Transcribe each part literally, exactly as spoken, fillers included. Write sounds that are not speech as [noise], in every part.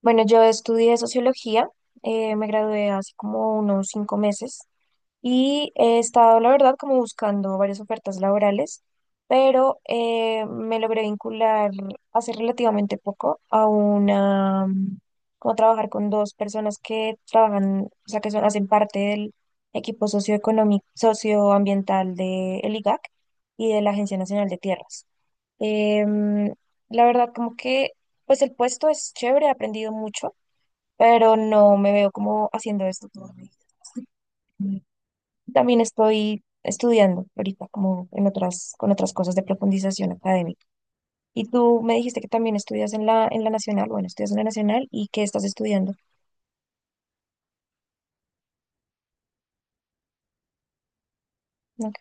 Bueno, yo estudié sociología, eh, me gradué hace como unos cinco meses y he estado, la verdad, como buscando varias ofertas laborales, pero eh, me logré vincular hace relativamente poco a una, mm, como trabajar con dos personas que trabajan, o sea, que son, hacen parte del equipo socioeconómico, socioambiental del I G A C y de la Agencia Nacional de Tierras. Em, la verdad, como que, pues el puesto es chévere, he aprendido mucho, pero no me veo como haciendo esto toda mi vida. También estoy estudiando ahorita, como en otras, con otras cosas de profundización académica. Y tú me dijiste que también estudias en la, en la Nacional, bueno, estudias en la Nacional y que estás estudiando. Ok,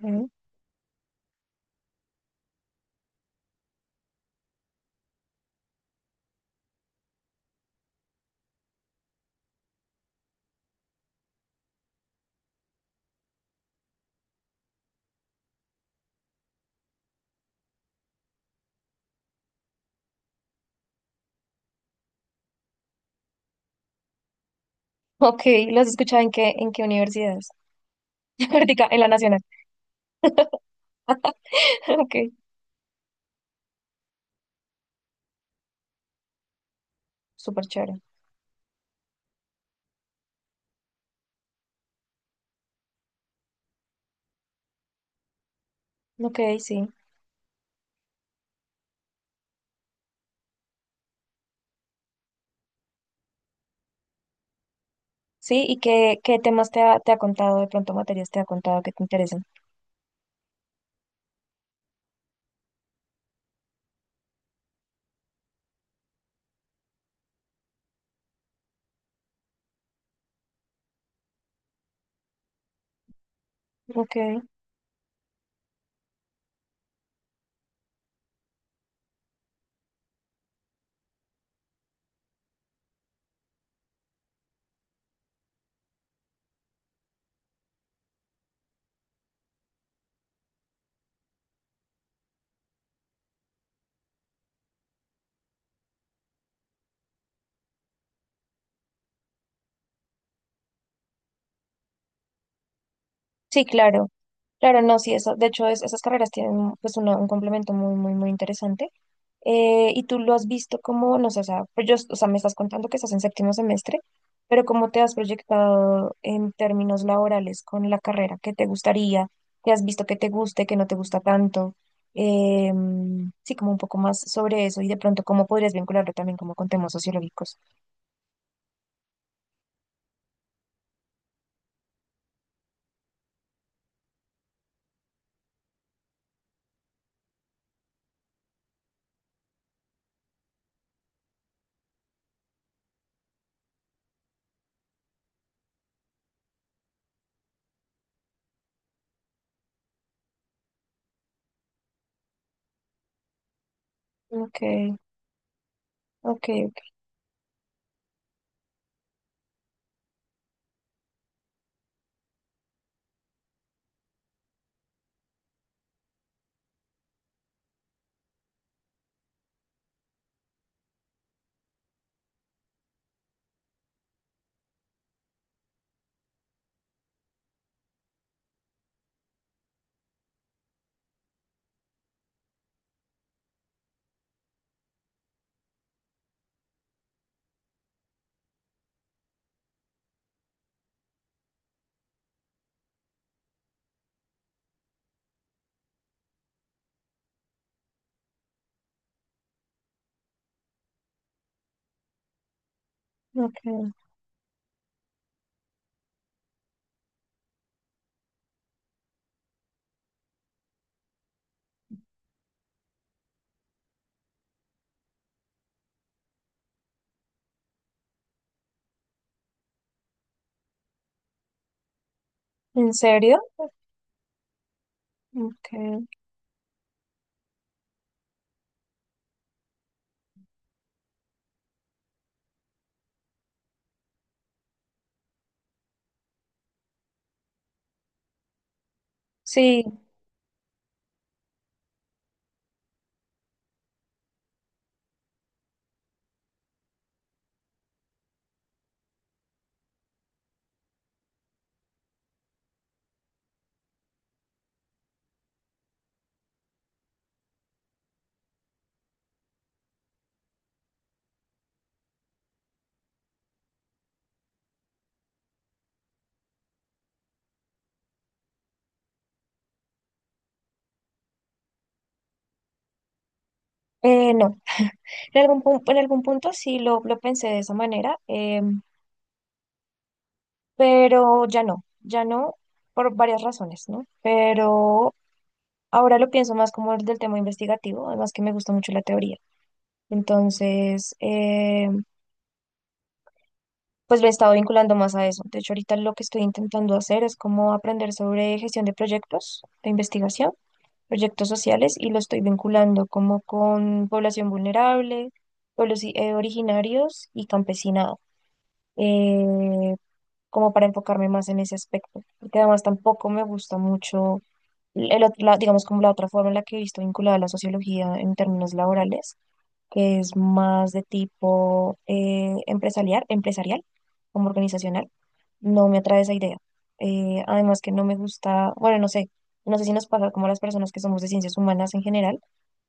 ok, ¿lo has escuchado en qué, en qué universidades? [laughs] Ahorita, en la Nacional. [laughs] Ok, súper chévere. Ok, sí. Sí, ¿y qué, qué temas te ha, te ha contado de pronto, materias te ha contado que te interesen? Ok, sí, claro. Claro, no, sí, eso, de hecho, es- esas carreras tienen pues una- un complemento muy, muy, muy interesante. Eh, y tú lo has visto como, no sé, o sea, pues yo, o sea, me estás contando que estás en séptimo semestre, pero ¿cómo te has proyectado en términos laborales con la carrera? ¿Qué te gustaría? ¿Qué has visto que te guste, que no te gusta tanto? Em, sí, como un poco más sobre eso y de pronto cómo podrías vincularlo también como con temas sociológicos. Ok, ok, ok, ok. ¿En serio? Ok. Sí, Eh, no, en algún, pun- en algún punto sí lo, lo pensé de esa manera, eh, pero ya no, ya no, por varias razones, ¿no? Pero ahora lo pienso más como el del tema investigativo, además que me gusta mucho la teoría. Entonces, eh, pues lo he estado vinculando más a eso. De hecho, ahorita lo que estoy intentando hacer es como aprender sobre gestión de proyectos de investigación, proyectos sociales, y lo estoy vinculando como con población vulnerable, pueblos i- eh, originarios y campesinado. eh, Como para enfocarme más en ese aspecto, porque además tampoco me gusta mucho el otro lado, digamos como la otra forma en la que he visto vinculada a la sociología en términos laborales, que es más de tipo eh, empresarial, empresarial, como organizacional, no me atrae esa idea. Eh, además que no me gusta, bueno, no sé, no sé si nos pasa como a las personas que somos de ciencias humanas en general,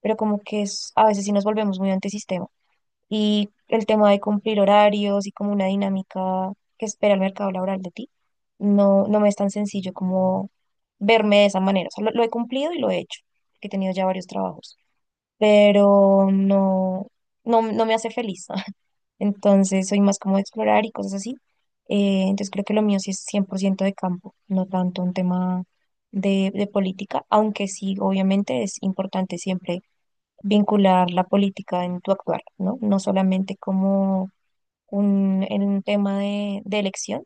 pero como que es, a veces sí nos volvemos muy antisistema y el tema de cumplir horarios y como una dinámica que espera el mercado laboral de ti, no, no me es tan sencillo como verme de esa manera. O sea, lo, lo he cumplido y lo he hecho, que he tenido ya varios trabajos, pero no, no, no me hace feliz. [laughs] Entonces soy más como de explorar y cosas así. Eh, entonces creo que lo mío sí es cien por ciento de campo, no tanto un tema de, de política, aunque sí, obviamente es importante siempre vincular la política en tu actuar, ¿no? No solamente como un, en un tema de, de elección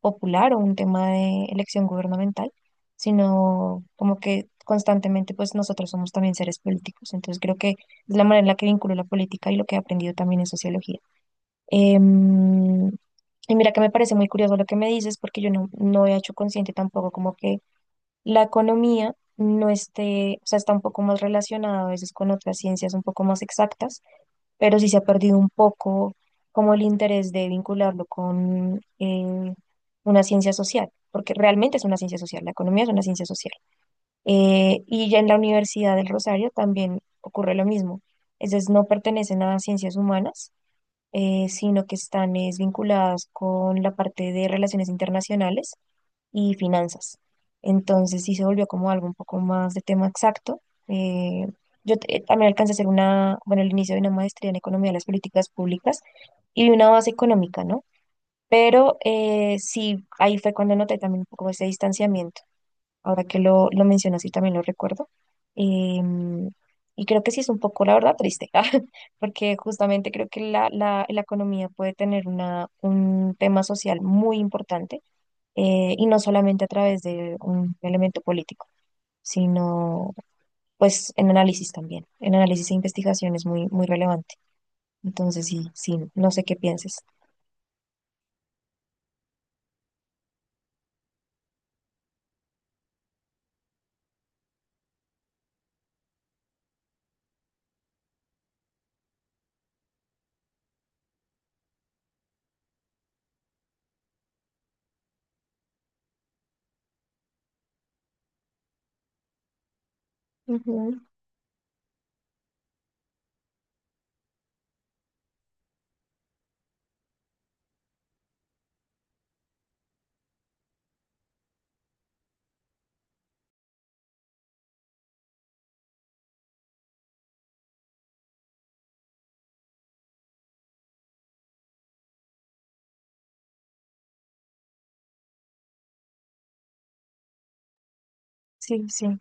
popular o un tema de elección gubernamental, sino como que constantemente pues nosotros somos también seres políticos. Entonces creo que es la manera en la que vinculo la política y lo que he aprendido también en sociología. Em, y mira que me parece muy curioso lo que me dices porque yo no, no he hecho consciente tampoco como que la economía no esté, o sea, está un poco más relacionada a veces con otras ciencias un poco más exactas, pero sí se ha perdido un poco como el interés de vincularlo con eh, una ciencia social, porque realmente es una ciencia social, la economía es una ciencia social. Eh, y ya en la Universidad del Rosario también ocurre lo mismo, es decir, no pertenecen a ciencias humanas. Eh, sino que están es, vinculadas con la parte de relaciones internacionales y finanzas. Entonces sí se volvió como algo un poco más de tema exacto. Eh, yo te- también alcancé a hacer una, bueno, el inicio de una maestría en economía de las políticas públicas y de una base económica, ¿no? Pero eh, sí, ahí fue cuando noté también un poco ese distanciamiento. Ahora que lo, lo mencionas y también lo recuerdo. Em, y creo que sí es un poco, la verdad, triste, [laughs] ah, porque justamente creo que la, la, la economía puede tener una, un tema social muy importante eh, y no solamente a través de un elemento político, sino pues en análisis también. En análisis e investigación es muy, muy relevante. Entonces, sí, sí, no sé qué pienses. Ujú, sí, sí.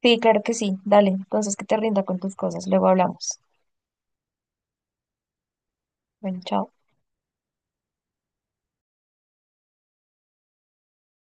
Sí, claro que sí. Dale, entonces que te rinda con tus cosas. Luego hablamos. Bueno, chao.